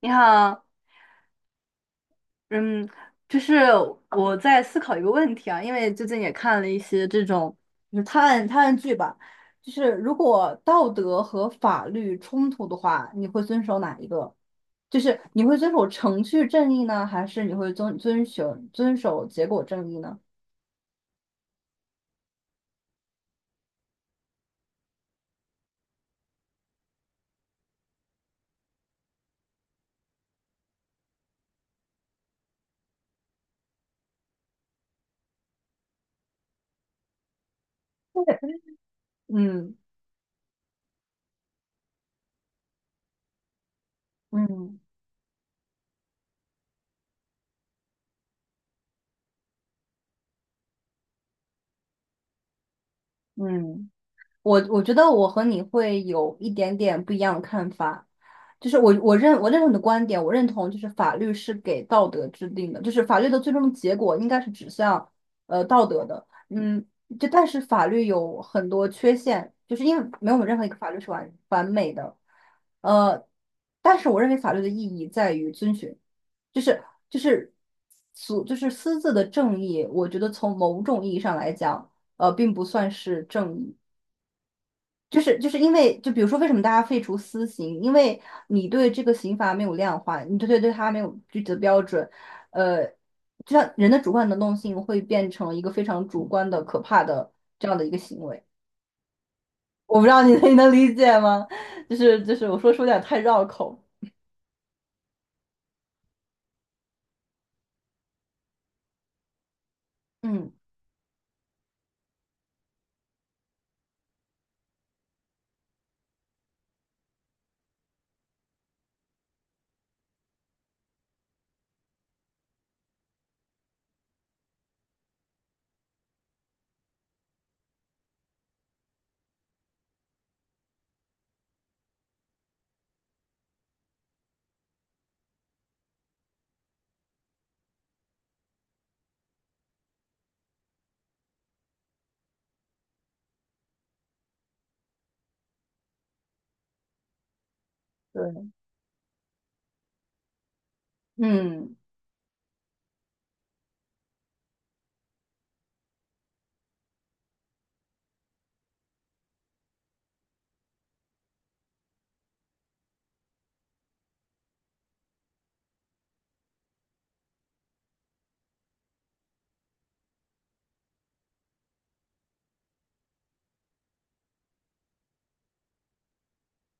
你好。嗯，就是我在思考一个问题啊，因为最近也看了一些这种就是探案剧吧，就是如果道德和法律冲突的话，你会遵守哪一个？就是你会遵守程序正义呢，还是你会遵守结果正义呢？对。嗯嗯嗯。我觉得我和你会有一点点不一样的看法，就是我认同你的观点，我认同就是法律是给道德制定的，就是法律的最终的结果应该是指向道德的。嗯，就但是法律有很多缺陷，就是因为没有任何一个法律是完美的。呃，但是我认为法律的意义在于遵循，就是就是俗就是私自的正义，我觉得从某种意义上来讲。并不算是正义。就是因为，就比如说，为什么大家废除私刑？因为你对这个刑罚没有量化，你对它没有具体的标准。呃，就像人的主观能动性会变成一个非常主观的、可怕的这样的一个行为。我不知道你 你能理解吗？就是，我说有点太绕口。嗯。对。嗯。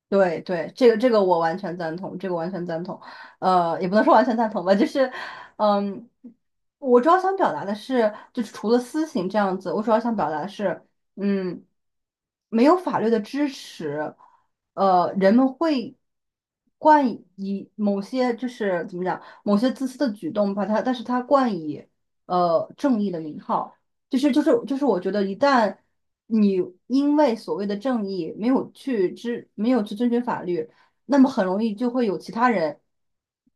对对，这个我完全赞同，这个完全赞同。也不能说完全赞同吧，就是，嗯，我主要想表达的是，就是除了私刑这样子，我主要想表达的是，嗯，没有法律的支持。人们会冠以某些就是怎么讲，某些自私的举动，把它，但是它冠以正义的名号。就是，我觉得一旦你因为所谓的正义没有去遵循法律，那么很容易就会有其他人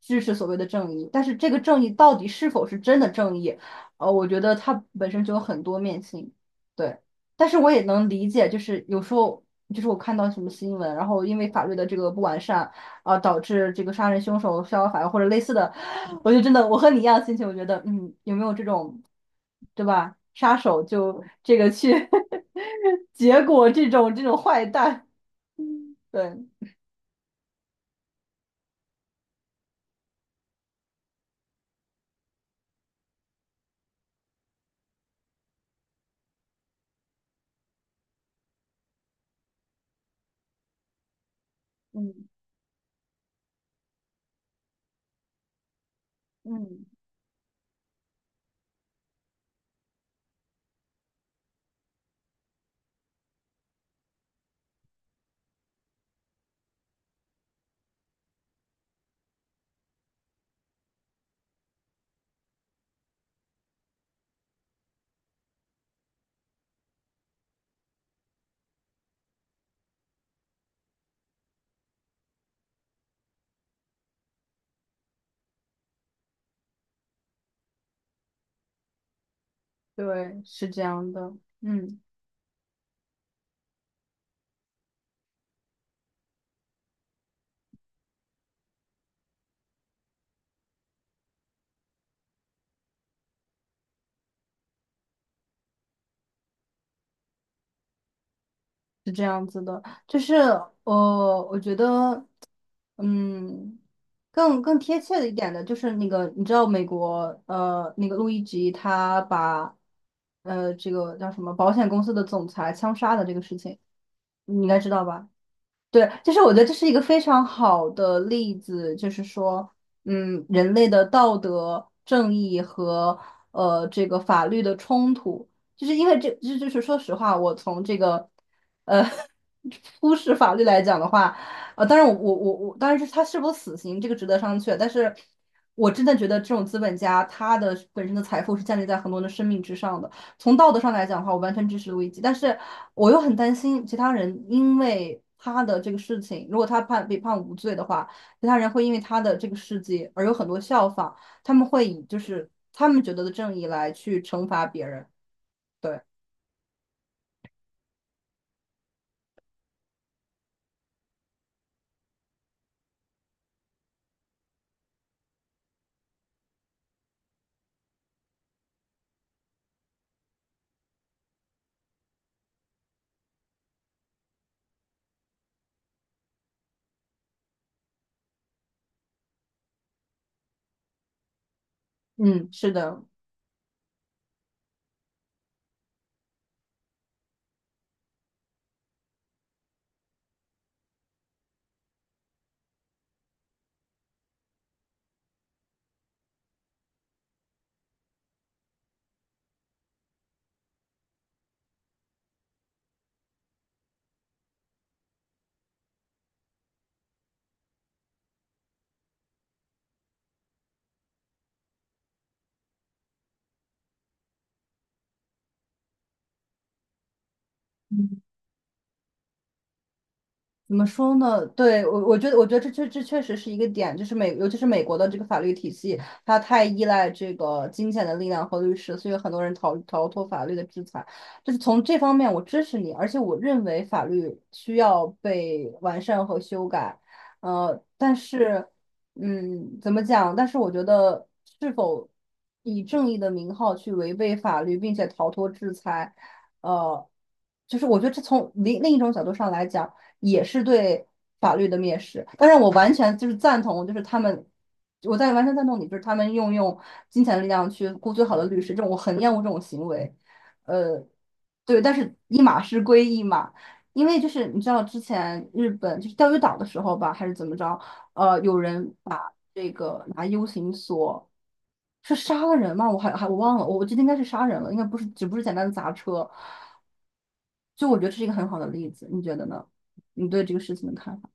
支持所谓的正义。但是这个正义到底是否是真的正义？我觉得它本身就有很多面性。对，但是我也能理解，就是有时候就是我看到什么新闻，然后因为法律的这个不完善。啊、导致这个杀人凶手逍遥法外或者类似的，我就真的我和你一样的心情，我觉得有没有这种，对吧？杀手就这个去 结果这种坏蛋，对。嗯嗯。对。是这样的。嗯，是这样子的，就是我觉得。嗯。更贴切的一点的就是那个，你知道美国那个路易吉他把这个叫什么保险公司的总裁枪杀的这个事情，你应该知道吧？对，就是我觉得这是一个非常好的例子。就是说，嗯，人类的道德、正义和这个法律的冲突。就是因为这，这就是说实话，我从这个呃 忽视法律来讲的话。当然我，当然是他是否死刑这个值得商榷，但是我真的觉得这种资本家他的本身的财富是建立在很多人的生命之上的。从道德上来讲的话，我完全支持路易吉，但是我又很担心其他人，因为他的这个事情，如果被判无罪的话，其他人会因为他的这个事迹而有很多效仿，他们会以就是他们觉得的正义来去惩罚别人。对。嗯。是的。怎么说呢？对，我觉得这确实是一个点，就是尤其是美国的这个法律体系，它太依赖这个金钱的力量和律师，所以很多人逃脱法律的制裁。就是从这方面，我支持你，而且我认为法律需要被完善和修改。但是，怎么讲？但是我觉得，是否以正义的名号去违背法律，并且逃脱制裁，呃，就是我觉得这从另一种角度上来讲。也是对法律的蔑视。但是我完全就是赞同，就是他们，我在完全赞同你，就是他们用金钱的力量去雇最好的律师，这种我很厌恶这种行为。呃，对，但是一码事归一码。因为就是你知道之前日本就是钓鱼岛的时候吧，还是怎么着，有人把这个拿 U 型锁。是杀了人吗？我还还我忘了，我记得应该是杀人了，应该不是，只不是简单的砸车。就我觉得这是一个很好的例子，你觉得呢？你对这个事情的看法。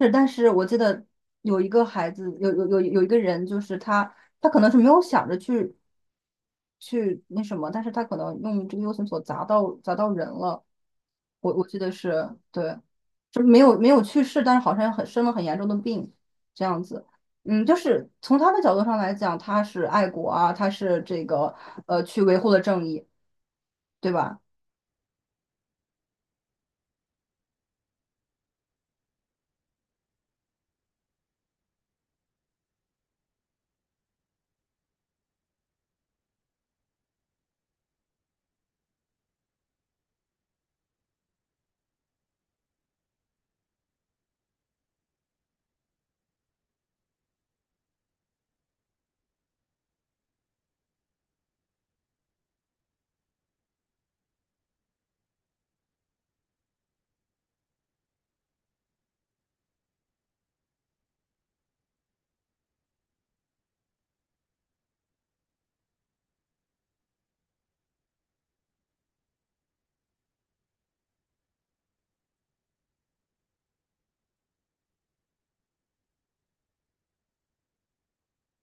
是，但是我记得有一个孩子，有一个人，就是他，他可能是没有想着去那什么，但是他可能用这个 U 型锁砸到人了。我记得是对。就是没有去世，但是好像很生了很严重的病这样子。嗯。就是从他的角度上来讲，他是爱国啊，他是这个去维护了正义，对吧？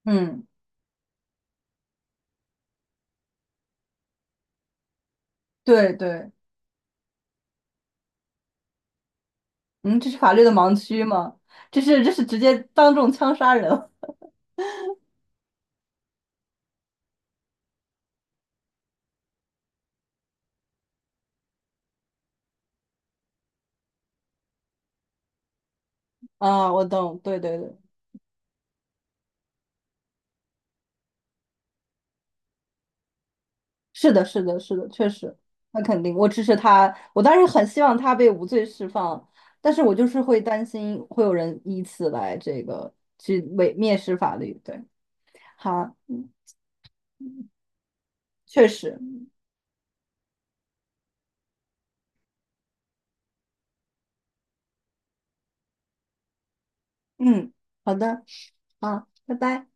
嗯。对对。嗯，这是法律的盲区吗？这是直接当众枪杀人 啊！我懂。对对对。是的。是的。是的。确实。那肯定，我支持他。我当时很希望他被无罪释放，但是我就是会担心会有人以此来这个去伪蔑视法律。对。好。嗯。确实。嗯。好的。好，拜拜。